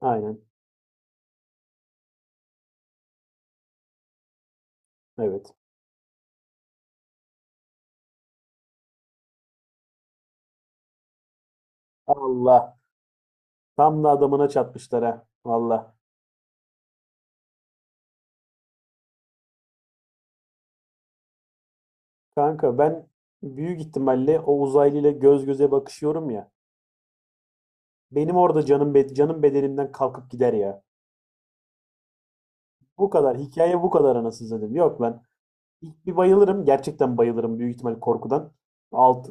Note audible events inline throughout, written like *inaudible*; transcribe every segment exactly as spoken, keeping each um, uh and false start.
Aynen. Evet. Allah. Tam da adamına çatmışlar ha. Valla. Kanka ben büyük ihtimalle o uzaylıyla göz göze bakışıyorum ya. Benim orada canım be- canım bedenimden kalkıp gider ya. Bu kadar. Hikaye bu kadar anasını satayım. Yok lan. İlk bir bayılırım. Gerçekten bayılırım büyük ihtimal korkudan. Alt,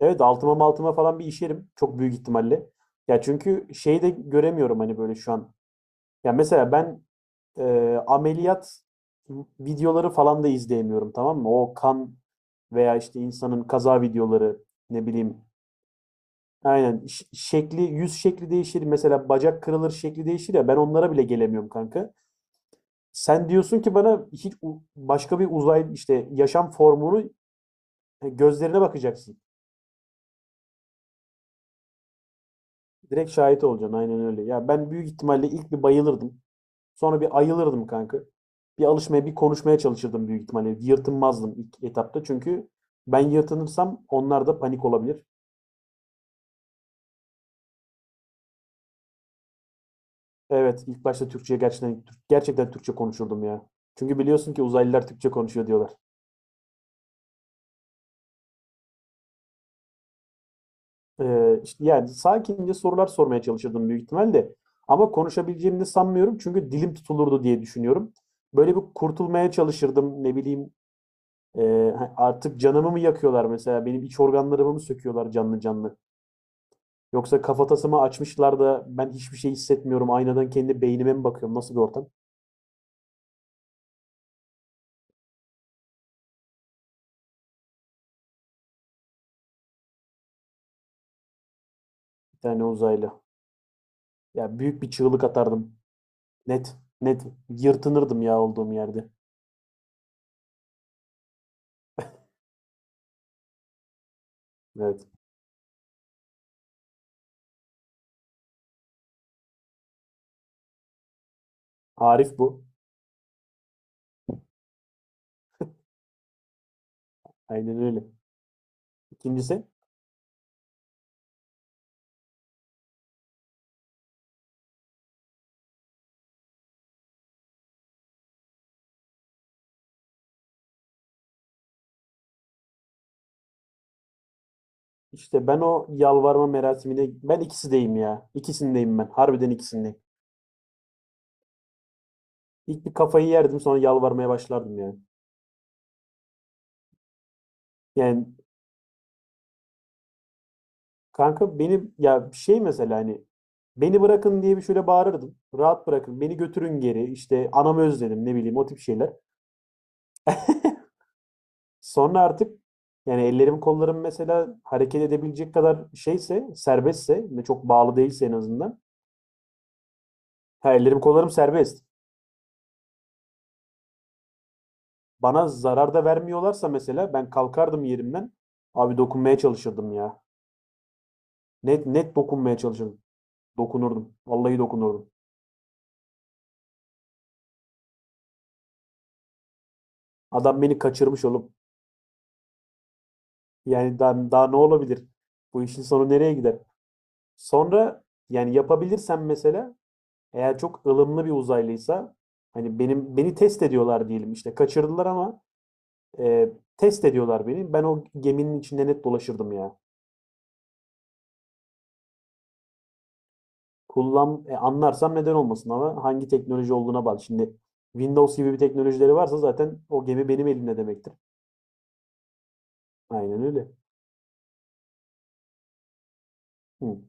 evet, altıma maltıma falan bir işerim. Çok büyük ihtimalle. Ya çünkü şeyi de göremiyorum hani böyle şu an. Ya mesela ben e, ameliyat videoları falan da izleyemiyorum, tamam mı? O kan veya işte insanın kaza videoları, ne bileyim. Aynen ş- şekli, yüz şekli değişir, mesela bacak kırılır, şekli değişir ya, ben onlara bile gelemiyorum kanka. Sen diyorsun ki bana hiç u- başka bir uzay işte yaşam formunu e, gözlerine bakacaksın. Direkt şahit olacaksın, aynen öyle. Ya ben büyük ihtimalle ilk bir bayılırdım. Sonra bir ayılırdım kanka. Bir alışmaya, bir konuşmaya çalışırdım büyük ihtimalle. Yırtınmazdım ilk etapta, çünkü ben yırtınırsam onlar da panik olabilir. Evet, ilk başta Türkçe'ye gerçekten gerçekten Türkçe konuşurdum ya. Çünkü biliyorsun ki uzaylılar Türkçe konuşuyor diyorlar. Ee, işte yani sakince sorular sormaya çalışırdım büyük ihtimalle. Ama konuşabileceğimi de sanmıyorum, çünkü dilim tutulurdu diye düşünüyorum. Böyle bir kurtulmaya çalışırdım. Ne bileyim, e, artık canımı mı yakıyorlar mesela? Benim iç organlarımı mı söküyorlar canlı canlı? Yoksa kafatasımı açmışlar da ben hiçbir şey hissetmiyorum. Aynadan kendi beynime mi bakıyorum? Nasıl bir ortam? Bir tane uzaylı. Ya büyük bir çığlık atardım. Net. Net. Yırtınırdım ya olduğum yerde. Evet. Arif bu. Aynen öyle. İkincisi. İşte ben o yalvarma merasimine, ben ikisindeyim ya. İkisindeyim ben. Harbiden ikisindeyim. İlk bir kafayı yerdim, sonra yalvarmaya başlardım yani. Yani kanka, beni ya şey, mesela hani beni bırakın diye bir şöyle bağırırdım. Rahat bırakın, beni götürün geri. İşte anamı özledim, ne bileyim, o tip şeyler. Sonra artık yani ellerim kollarım mesela hareket edebilecek kadar şeyse, serbestse ve çok bağlı değilse en azından. Ha, ellerim kollarım serbest. Bana zarar da vermiyorlarsa mesela, ben kalkardım yerimden. Abi dokunmaya çalışırdım ya. Net net dokunmaya çalışırdım. Dokunurdum. Vallahi dokunurdum. Adam beni kaçırmış oğlum. Yani daha, daha ne olabilir? Bu işin sonu nereye gider? Sonra yani yapabilirsem mesela, eğer çok ılımlı bir uzaylıysa, hani benim, beni test ediyorlar diyelim, işte kaçırdılar ama e, test ediyorlar beni. Ben o geminin içinde net dolaşırdım ya. Kullan e, anlarsam neden olmasın, ama hangi teknoloji olduğuna bak. Şimdi Windows gibi bir teknolojileri varsa zaten o gemi benim elimde demektir. Aynen öyle. Hı,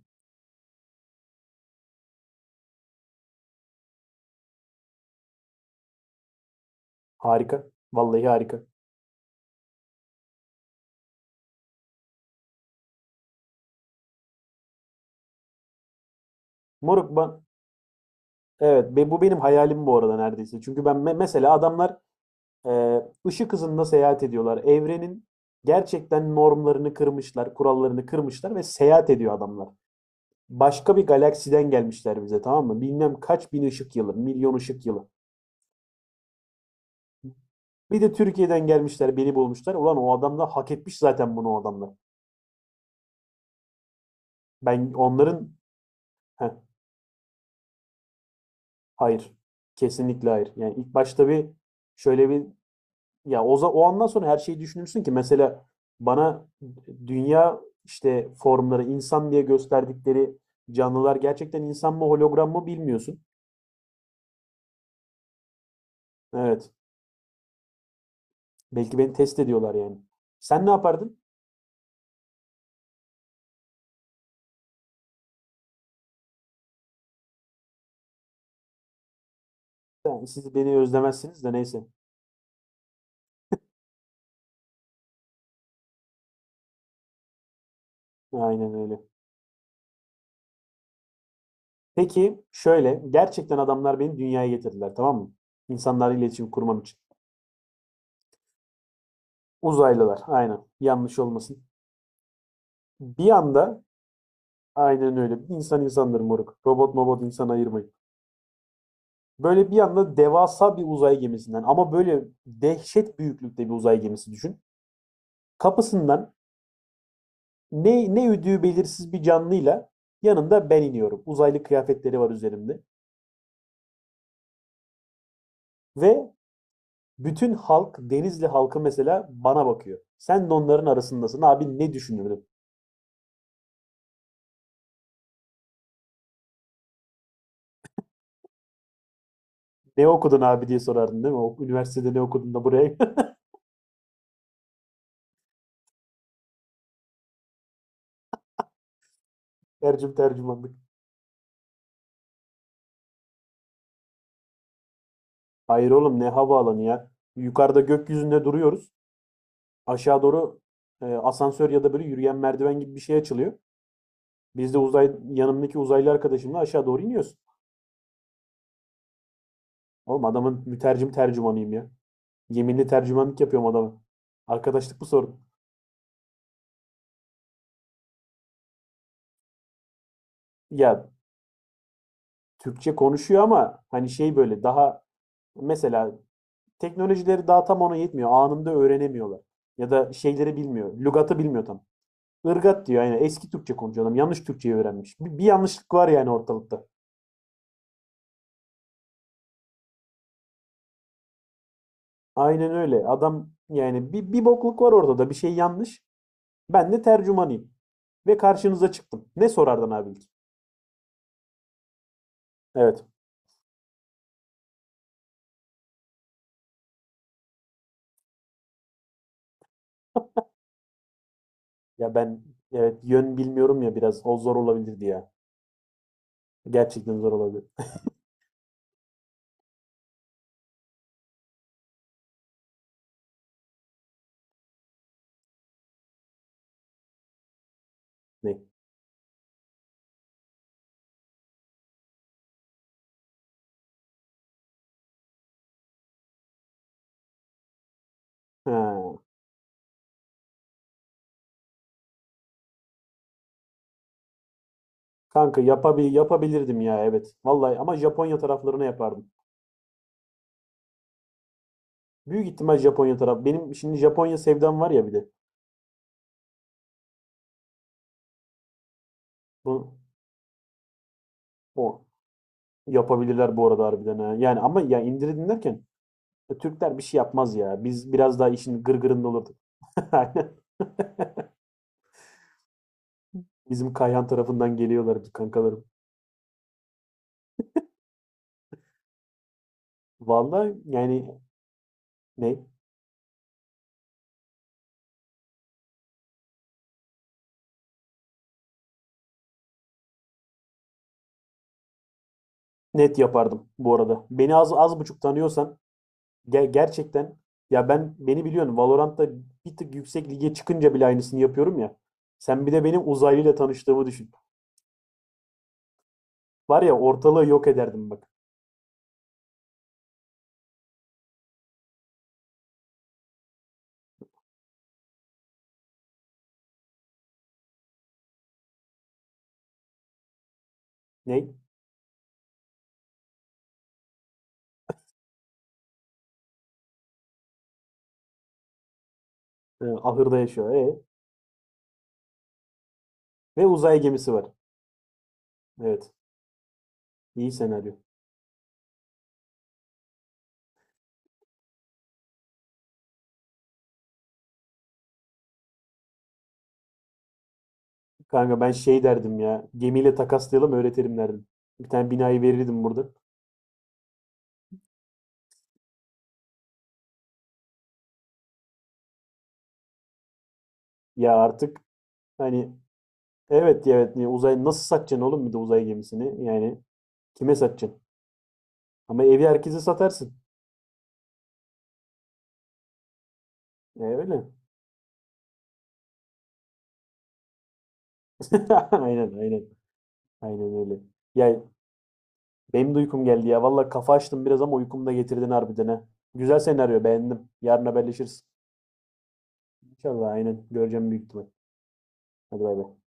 harika. Vallahi harika. Moruk, ben evet be- bu benim hayalim bu arada neredeyse. Çünkü ben me- mesela adamlar Ee, ışık hızında seyahat ediyorlar. Evrenin gerçekten normlarını kırmışlar, kurallarını kırmışlar ve seyahat ediyor adamlar. Başka bir galaksiden gelmişler bize, tamam mı? Bilmem kaç bin ışık yılı, milyon ışık yılı. Bir de Türkiye'den gelmişler, beni bulmuşlar. Ulan o adamlar hak etmiş zaten bunu, o adamlar. Ben onların... Heh, hayır. Kesinlikle hayır. Yani ilk başta bir şöyle bir... Ya o, za- o andan sonra her şeyi düşünürsün ki, mesela bana dünya işte formları, insan diye gösterdikleri canlılar gerçekten insan mı, hologram mı bilmiyorsun. Evet. Belki beni test ediyorlar yani. Sen ne yapardın? Yani siz beni özlemezsiniz de neyse. Aynen öyle. Peki şöyle, gerçekten adamlar beni dünyaya getirdiler, tamam mı? İnsanlarla iletişim kurmam için. Uzaylılar, aynen, yanlış olmasın. Bir anda aynen öyle. İnsan insandır moruk. Robot mobot, insan ayırmayın. Böyle bir anda devasa bir uzay gemisinden, ama böyle dehşet büyüklükte bir uzay gemisi düşün. Kapısından ne ne üdüğü belirsiz bir canlıyla, yanında ben iniyorum. Uzaylı kıyafetleri var üzerimde ve bütün halk, Denizli halkı mesela bana bakıyor. Sen de onların arasındasın abi, ne düşünürdün? Ne okudun abi diye sorardın değil mi? O, üniversitede ne okudun da buraya *laughs* tercüm tercümanlık. Hayır oğlum, ne havaalanı ya. Yukarıda gökyüzünde duruyoruz. Aşağı doğru e, asansör ya da böyle yürüyen merdiven gibi bir şey açılıyor. Biz de uzay yanımdaki uzaylı arkadaşımla aşağı doğru iniyoruz. Oğlum adamın mütercim tercümanıyım ya. Yeminli tercümanlık yapıyorum adamı. Arkadaşlık bu, sorun. Ya Türkçe konuşuyor, ama hani şey böyle daha, mesela teknolojileri daha tam ona yetmiyor. Anında öğrenemiyorlar. Ya da şeyleri bilmiyor. Lügatı bilmiyor tam. Irgat diyor, yani eski Türkçe konuşuyor adam. Yanlış Türkçeyi öğrenmiş. Bir, bir yanlışlık var yani ortalıkta. Aynen öyle. Adam yani bir, bir bokluk var ortada. Bir şey yanlış. Ben de tercümanıyım. Ve karşınıza çıktım. Ne sorardın abi? Evet. Ya ben, evet, yön bilmiyorum ya biraz. O zor olabilirdi ya. Gerçekten zor olabilir. Ne? Ha. Kanka yapabil yapabilirdim ya, evet. Vallahi ama Japonya taraflarına yapardım. Büyük ihtimal Japonya taraf. Benim şimdi Japonya sevdam var ya bir de. Bu, o yapabilirler bu arada harbiden ha. Yani ama ya, indirdin derken e, Türkler bir şey yapmaz ya. Biz biraz daha işin gırgırında olurduk. *laughs* Aynen. Bizim Kayhan tarafından geliyorlar kankalarım. Vallahi yani. Ne? Net yapardım bu arada. Beni az az buçuk tanıyorsan, ge- gerçekten, ya ben, beni biliyorsun, Valorant'ta bir tık yüksek lige çıkınca bile aynısını yapıyorum ya. Sen bir de benim uzaylıyla tanıştığımı düşün. Var ya, ortalığı yok ederdim bak. Ne? Ee, ahırda yaşıyor. Ee? Ve uzay gemisi var. Evet. İyi senaryo. Kanka ben şey derdim ya. Gemiyle takaslayalım, öğretirim derdim. Bir tane binayı verirdim burada. Ya artık hani, evet evet ya, uzay nasıl satacaksın oğlum bir de uzay gemisini? Yani kime satacaksın? Ama evi herkese satarsın. E, öyle. *laughs* Aynen, aynen. Aynen öyle. Ya benim de uykum geldi ya. Valla kafa açtım biraz ama uykumu da getirdin harbiden ha. Güzel senaryo, beğendim. Yarın haberleşiriz. İnşallah aynen. Göreceğim büyük ihtimal. Hadi bay bay.